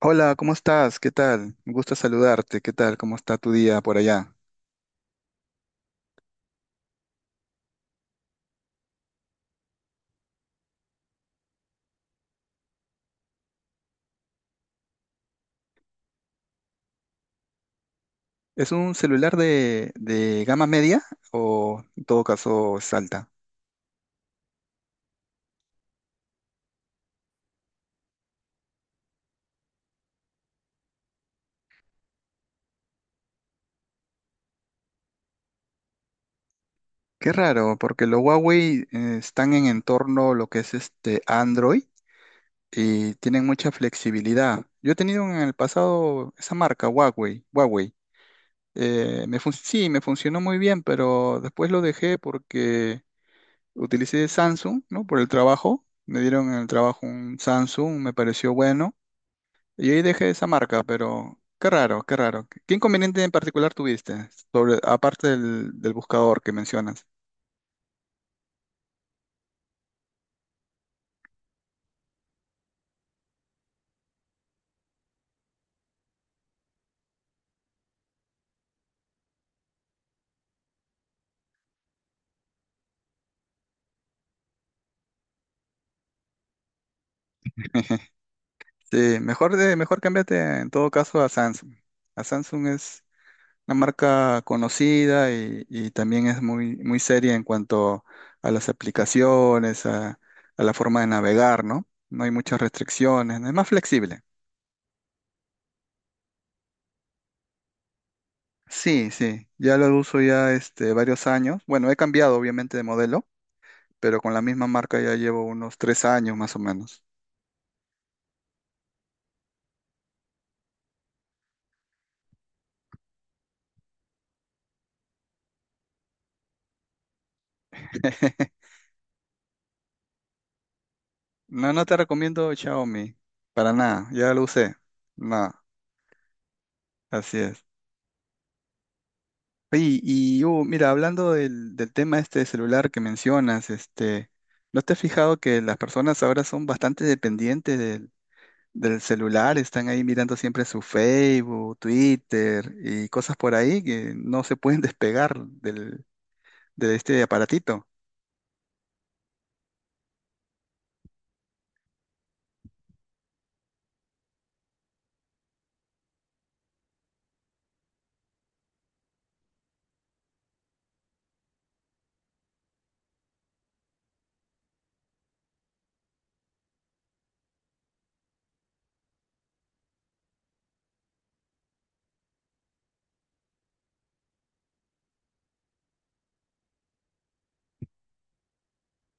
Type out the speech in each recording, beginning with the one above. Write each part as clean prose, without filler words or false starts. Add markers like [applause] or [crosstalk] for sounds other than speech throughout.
Hola, ¿cómo estás? ¿Qué tal? Me gusta saludarte. ¿Qué tal? ¿Cómo está tu día por allá? ¿Es un celular de gama media o en todo caso es alta? Qué raro, porque los Huawei están en entorno lo que es este Android y tienen mucha flexibilidad. Yo he tenido en el pasado esa marca, Huawei, Huawei. Sí, me funcionó muy bien, pero después lo dejé porque utilicé Samsung, ¿no? Por el trabajo. Me dieron en el trabajo un Samsung, me pareció bueno. Y ahí dejé esa marca, pero qué raro, qué raro. ¿Qué inconveniente en particular tuviste? Sobre, aparte del buscador que mencionas. [laughs] Sí, mejor, de, mejor cámbiate en todo caso a Samsung. A Samsung es una marca conocida y también es muy, muy seria en cuanto a las aplicaciones, a la forma de navegar, ¿no? No hay muchas restricciones, es más flexible. Sí, sí, ya lo uso ya varios años. Bueno, he cambiado obviamente de modelo pero con la misma marca ya llevo unos tres años más o menos. [laughs] No, no te recomiendo Xiaomi, para nada, ya lo usé, nada, así es. Oye, y Hugo, mira, hablando del tema este de celular que mencionas, ¿no te has fijado que las personas ahora son bastante dependientes del, del celular? Están ahí mirando siempre su Facebook, Twitter y cosas por ahí que no se pueden [laughs] despegar del, de este aparatito.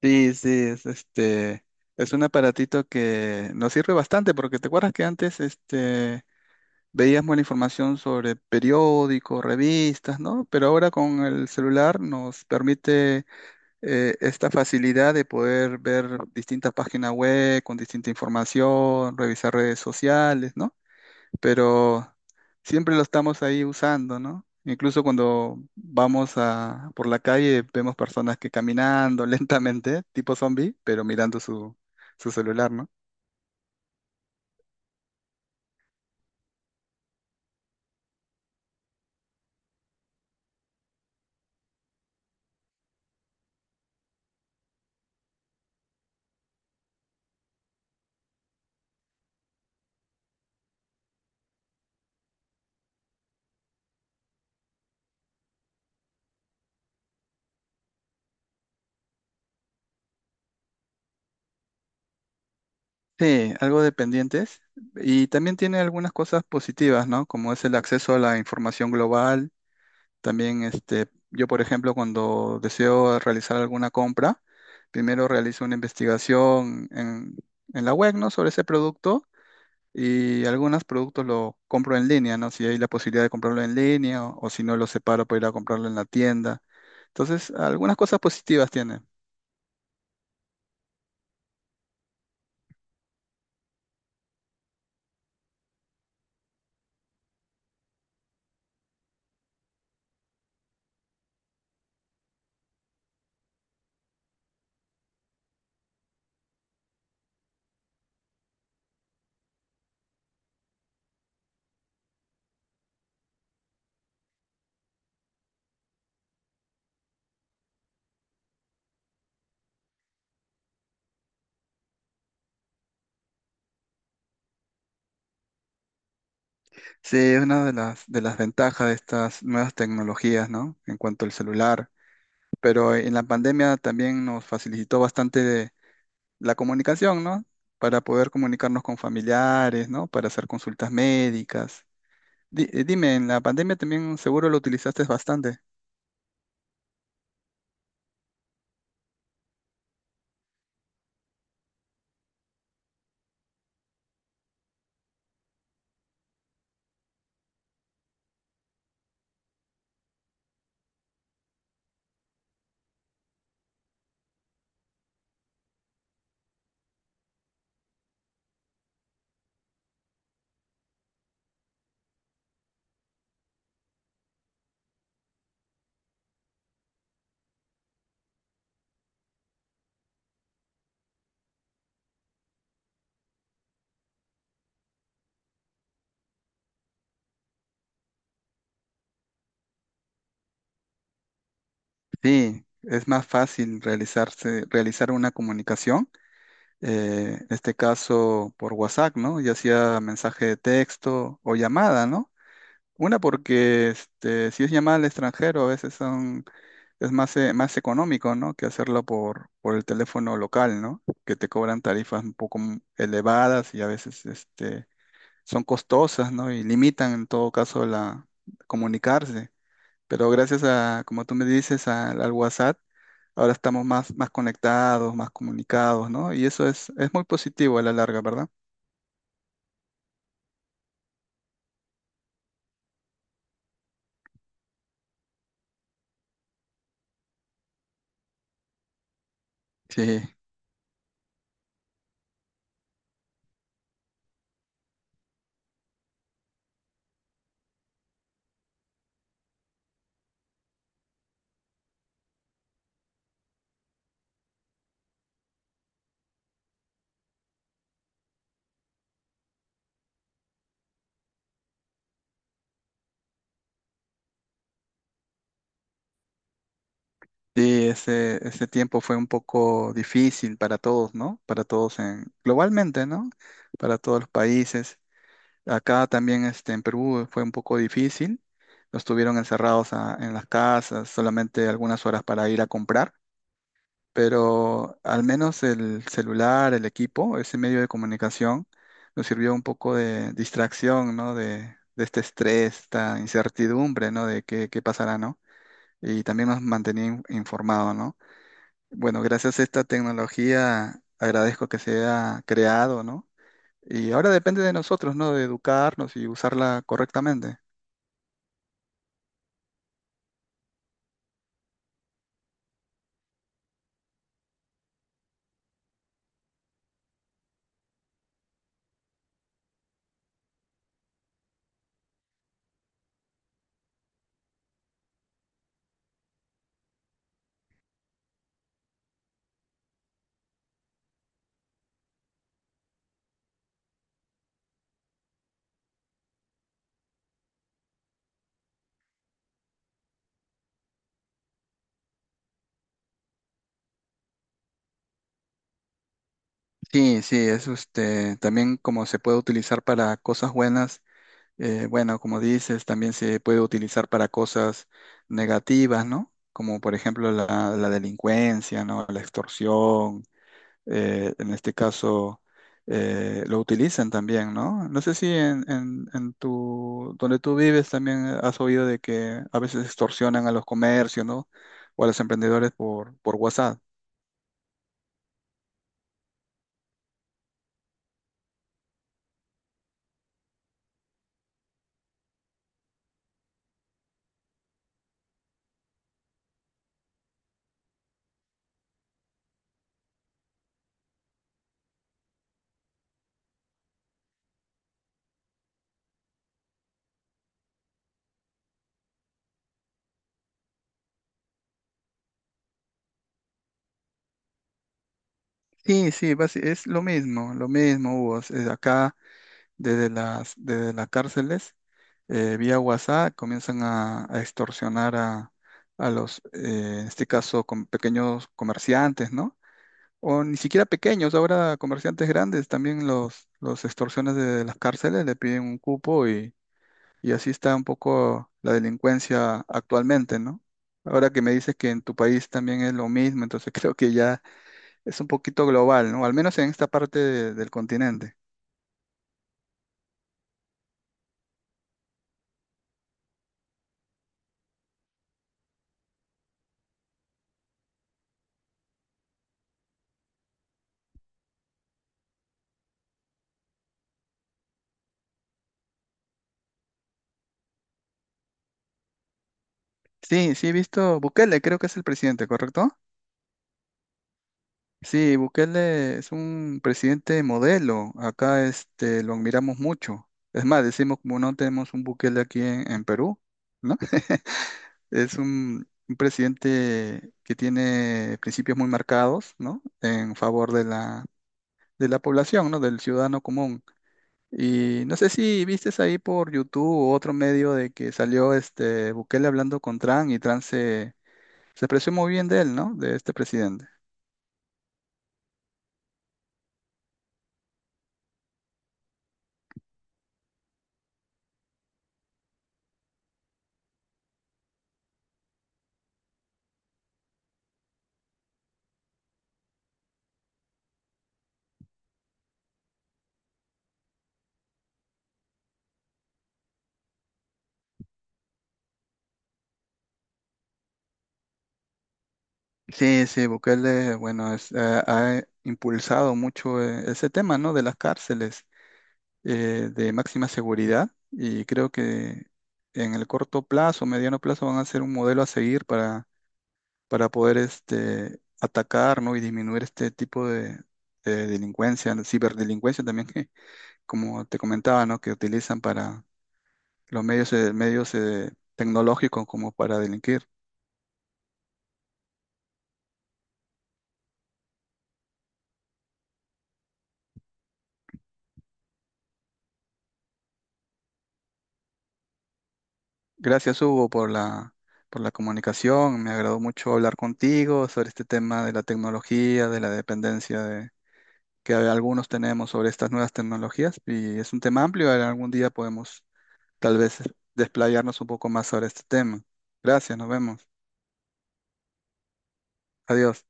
Sí, sí, es un aparatito que nos sirve bastante porque te acuerdas que antes veíamos la información sobre periódicos, revistas, ¿no? Pero ahora con el celular nos permite esta facilidad de poder ver distintas páginas web con distinta información, revisar redes sociales, ¿no? Pero siempre lo estamos ahí usando, ¿no? Incluso cuando vamos a, por la calle vemos personas que caminando [laughs] lentamente, tipo zombie, pero mirando su, su celular, ¿no? Sí, algo dependientes. Y también tiene algunas cosas positivas, ¿no? Como es el acceso a la información global. También, este, yo, por ejemplo, cuando deseo realizar alguna compra, primero realizo una investigación en la web, ¿no? Sobre ese producto. Y algunos productos lo compro en línea, ¿no? Si hay la posibilidad de comprarlo en línea o si no lo separo para ir a comprarlo en la tienda. Entonces, algunas cosas positivas tiene. Sí, es una de las ventajas de estas nuevas tecnologías, ¿no? En cuanto al celular. Pero en la pandemia también nos facilitó bastante de- la comunicación, ¿no? Para poder comunicarnos con familiares, ¿no? Para hacer consultas médicas. Dime, en la pandemia también seguro lo utilizaste bastante. Sí, es más fácil realizarse, realizar una comunicación, en este caso por WhatsApp, ¿no? Ya sea mensaje de texto o llamada, ¿no? Una porque si es llamada al extranjero a veces son, es más, más económico, ¿no? Que hacerlo por el teléfono local, ¿no? Que te cobran tarifas un poco m- elevadas y a veces son costosas, ¿no? Y limitan en todo caso la comunicarse. Pero gracias a, como tú me dices, al WhatsApp, ahora estamos más, más conectados, más comunicados, ¿no? Y eso es muy positivo a la larga, ¿verdad? Sí, sí, ese tiempo fue un poco difícil para todos, ¿no? Para todos en, globalmente, ¿no? Para todos los países. Acá también en Perú fue un poco difícil. Nos tuvieron encerrados a- en las casas, solamente algunas horas para ir a comprar, pero al menos el celular, el equipo, ese medio de comunicación, nos sirvió un poco de distracción, ¿no? De este estrés, esta incertidumbre, ¿no? De qué, qué pasará, ¿no? Y también nos mantenía in- informado, ¿no? Bueno, gracias a esta tecnología agradezco que se haya creado, ¿no? Y ahora depende de nosotros, ¿no? De educarnos y usarla correctamente. Sí, sí, también como se puede utilizar para cosas buenas. Bueno, como dices, también se puede utilizar para cosas negativas, ¿no? Como por ejemplo la, la delincuencia, ¿no? La extorsión, en este caso lo utilizan también, ¿no? No sé si en tu, donde tú vives también has oído de que a veces extorsionan a los comercios, ¿no? O a los emprendedores por WhatsApp. Sí, sí, basi- es lo mismo, Hugo. Es- acá desde las cárceles, vía WhatsApp, comienzan a extorsionar a los, en este caso, con pequeños comerciantes, ¿no? O ni siquiera pequeños, ahora comerciantes grandes también los extorsionan desde las cárceles, le piden un cupo y así está un poco la delincuencia actualmente, ¿no? Ahora que me dices que en tu país también es lo mismo, entonces [laughs] creo que ya es un poquito global, ¿no? Al menos en esta parte de- del continente. Sí, sí he visto Bukele, creo que es el presidente, ¿correcto? Sí, Bukele es un presidente modelo. Acá lo admiramos mucho. Es más, decimos como no tenemos un Bukele aquí en Perú, ¿no? [laughs] Es un presidente que tiene principios muy marcados, ¿no? En favor de la población, ¿no? Del ciudadano común. Y no sé si viste ahí por YouTube u otro medio de que salió este Bukele hablando con Trump y Trump se, se expresó muy bien de él, ¿no? De este presidente. Sí, sí, Bukele, bueno, es- ha, ha impulsado mucho ese tema, ¿no? De las cárceles de máxima seguridad y creo que en el corto plazo, mediano plazo, van a ser un modelo a seguir para poder atacar, ¿no? Y disminuir este tipo de delincuencia, ciberdelincuencia también, que, como te comentaba, ¿no? Que utilizan para los medios, medios tecnológicos como para delinquir. Gracias, Hugo, por la comunicación. Me agradó mucho hablar contigo sobre este tema de la tecnología, de la dependencia de, que algunos tenemos sobre estas nuevas tecnologías. Y es un tema amplio. Algún día podemos tal vez desplayarnos un poco más sobre este tema. Gracias, nos vemos. Adiós.